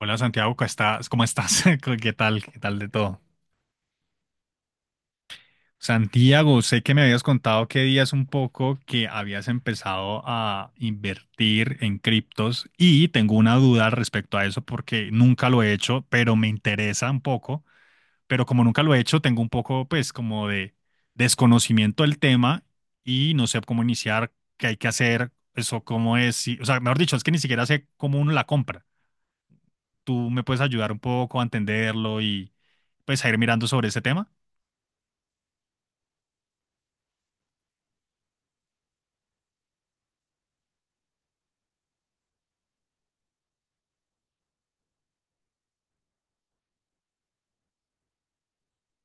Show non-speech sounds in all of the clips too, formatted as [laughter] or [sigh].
Hola Santiago, ¿cómo estás? ¿Cómo estás? [laughs] ¿Qué tal? ¿Qué tal de todo? Santiago, sé que me habías contado que días un poco que habías empezado a invertir en criptos y tengo una duda al respecto a eso porque nunca lo he hecho, pero me interesa un poco, pero como nunca lo he hecho, tengo un poco pues como de desconocimiento del tema y no sé cómo iniciar, qué hay que hacer, eso cómo es, o sea, mejor dicho, es que ni siquiera sé cómo uno la compra. Tú me puedes ayudar un poco a entenderlo y pues a ir mirando sobre ese tema.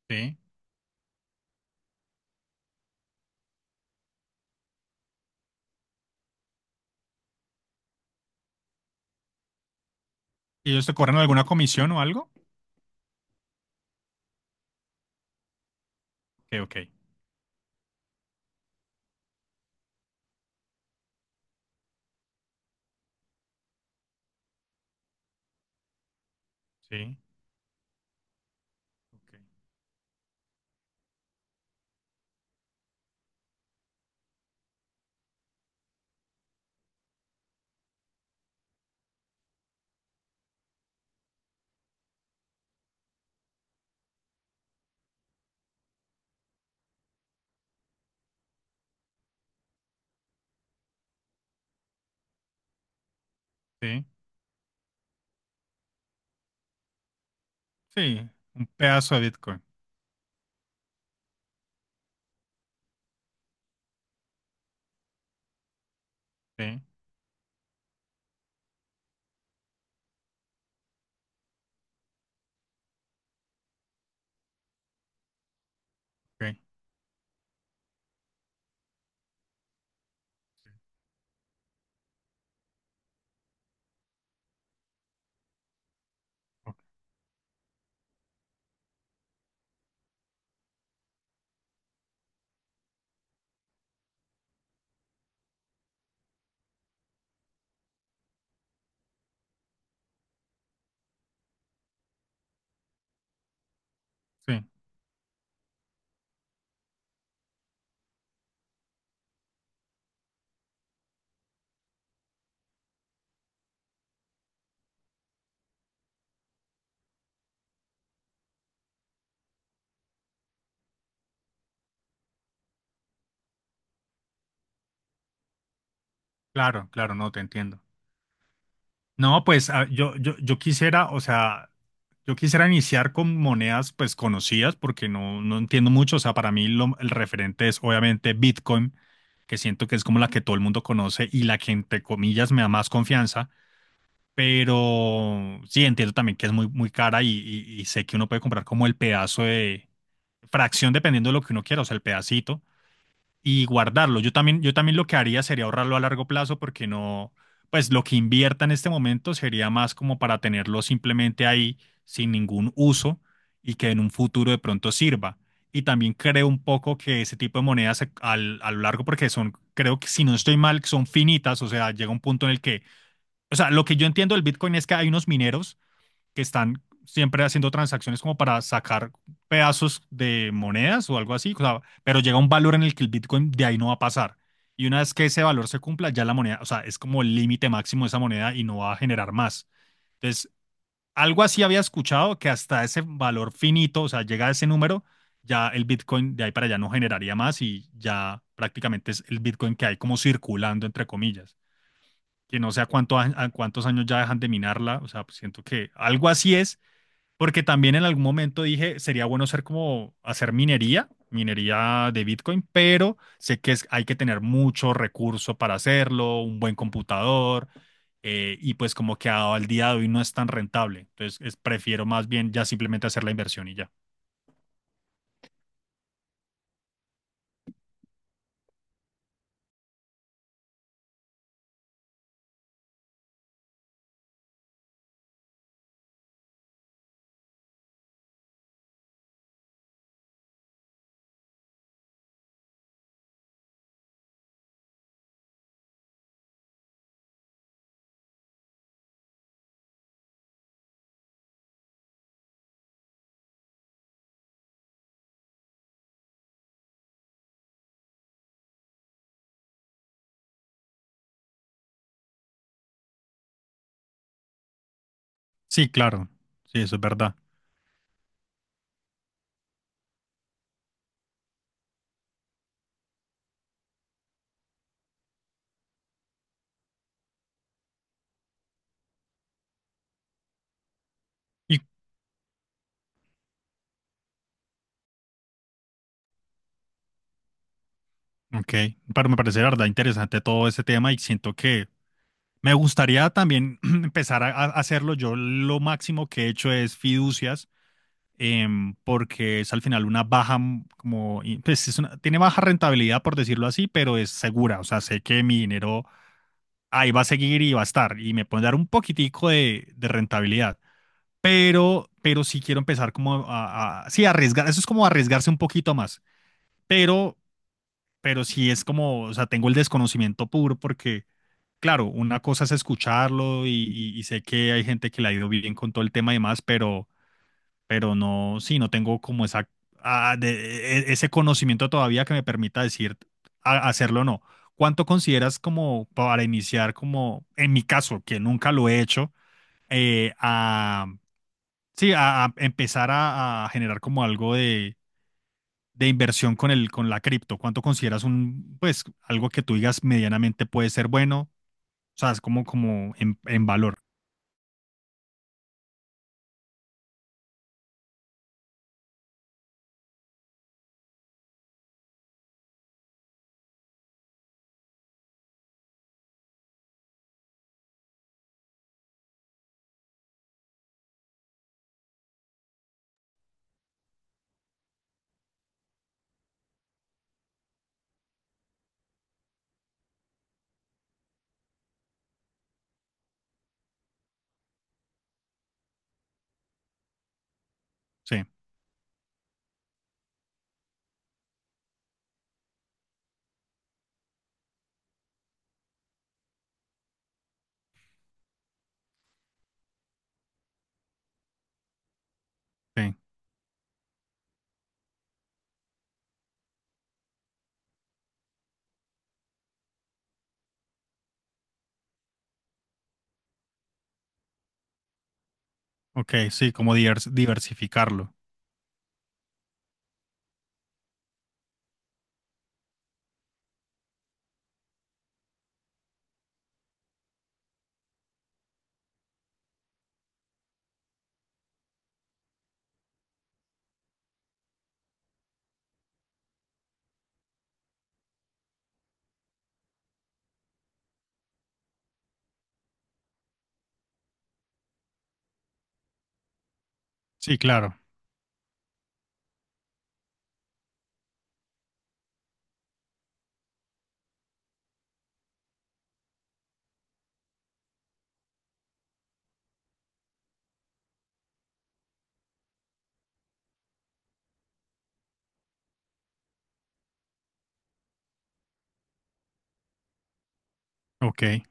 Sí. ¿Y ellos te cobran alguna comisión o algo? Ok, ok. Sí. Ok. Sí. Sí. Un pedazo de Bitcoin. Sí. Ok. Ok. Sí. Claro, claro, no, te entiendo. No, pues ah, yo quisiera, o sea, yo quisiera iniciar con monedas pues conocidas porque no, no entiendo mucho. O sea, para mí el referente es obviamente Bitcoin, que siento que es como la que todo el mundo conoce y la que entre comillas me da más confianza. Pero sí, entiendo también que es muy, muy cara y sé que uno puede comprar como el pedazo de fracción dependiendo de lo que uno quiera, o sea, el pedacito y guardarlo. Yo también lo que haría sería ahorrarlo a largo plazo porque no, pues lo que invierta en este momento sería más como para tenerlo simplemente ahí sin ningún uso y que en un futuro de pronto sirva. Y también creo un poco que ese tipo de monedas a lo largo, porque son, creo que si no estoy mal, son finitas, o sea, llega un punto en el que o sea, lo que yo entiendo del Bitcoin es que hay unos mineros que están siempre haciendo transacciones como para sacar pedazos de monedas o algo así, o sea, pero llega un valor en el que el Bitcoin de ahí no va a pasar. Y una vez que ese valor se cumpla, ya la moneda, o sea, es como el límite máximo de esa moneda y no va a generar más. Entonces, algo así había escuchado que hasta ese valor finito, o sea, llega a ese número, ya el Bitcoin de ahí para allá no generaría más y ya prácticamente es el Bitcoin que hay como circulando, entre comillas, que no sé cuánto, a cuántos años ya dejan de minarla, o sea, pues siento que algo así es, porque también en algún momento dije, sería bueno ser como hacer minería, minería de Bitcoin, pero sé que es, hay que tener mucho recurso para hacerlo, un buen computador, y pues como que al día de hoy no es tan rentable, prefiero más bien ya simplemente hacer la inversión y ya. Sí, claro, sí, eso es verdad. Y, ok, pero me parece de verdad interesante todo ese tema y siento que me gustaría también [clears throat] empezar a hacerlo. Yo lo máximo que he hecho es fiducias, porque es al final una baja, pues es tiene baja rentabilidad, por decirlo así, pero es segura. O sea, sé que mi dinero ahí va a seguir y va a estar y me pueden dar un poquitico de rentabilidad. Pero sí quiero empezar como sí, arriesgar. Eso es como arriesgarse un poquito más. Pero, pero sí es como, o sea, tengo el desconocimiento puro porque claro, una cosa es escucharlo y sé que hay gente que le ha ido bien con todo el tema y demás, pero no, sí, no tengo como esa, ah, de- ese conocimiento todavía que me permita decir hacerlo o no. ¿Cuánto consideras como para iniciar, como en mi caso, que nunca lo he hecho, eh, a, sí, a empezar a generar como algo de inversión con el, con la cripto? ¿Cuánto consideras un, pues, algo que tú digas medianamente puede ser bueno? O sea, es como, como en valor. Sí, sí. Ok, sí, como diversificarlo. Sí, claro. Ok.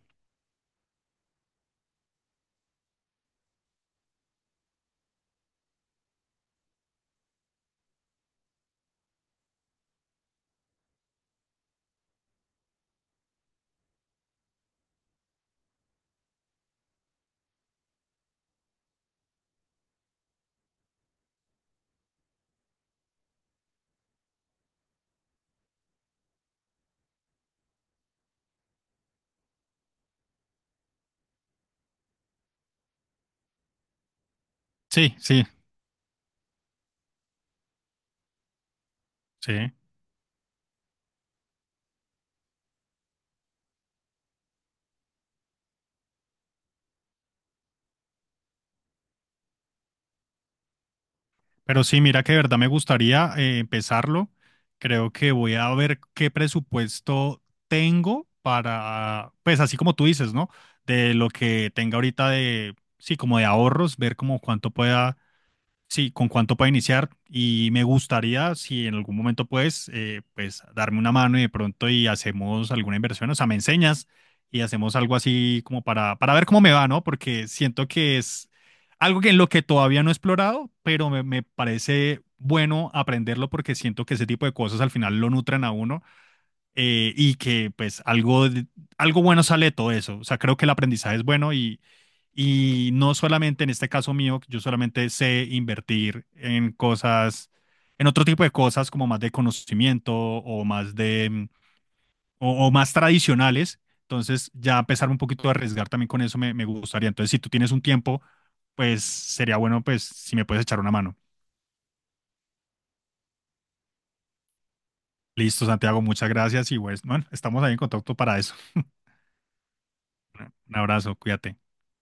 Sí, sí, sí. Pero sí, mira que de verdad me gustaría empezarlo. Creo que voy a ver qué presupuesto tengo para, pues así como tú dices, ¿no? De lo que tenga ahorita de, sí, como de ahorros, ver como cuánto pueda sí, con cuánto para iniciar y me gustaría si en algún momento puedes, pues darme una mano y de pronto y hacemos alguna inversión, o sea, me enseñas y hacemos algo así como para ver cómo me va, ¿no? Porque siento que es algo que en lo que todavía no he explorado, pero me parece bueno aprenderlo porque siento que ese tipo de cosas al final lo nutren a uno y que pues algo, algo bueno sale de todo eso. O sea, creo que el aprendizaje es bueno y no solamente en este caso mío, yo solamente sé invertir en cosas, en otro tipo de cosas como más de conocimiento o más de, o más tradicionales. Entonces ya empezar un poquito a arriesgar también con eso me, me gustaría. Entonces si tú tienes un tiempo, pues sería bueno pues si me puedes echar una mano. Listo, Santiago, muchas gracias y pues, bueno, estamos ahí en contacto para eso. [laughs] Un abrazo, cuídate.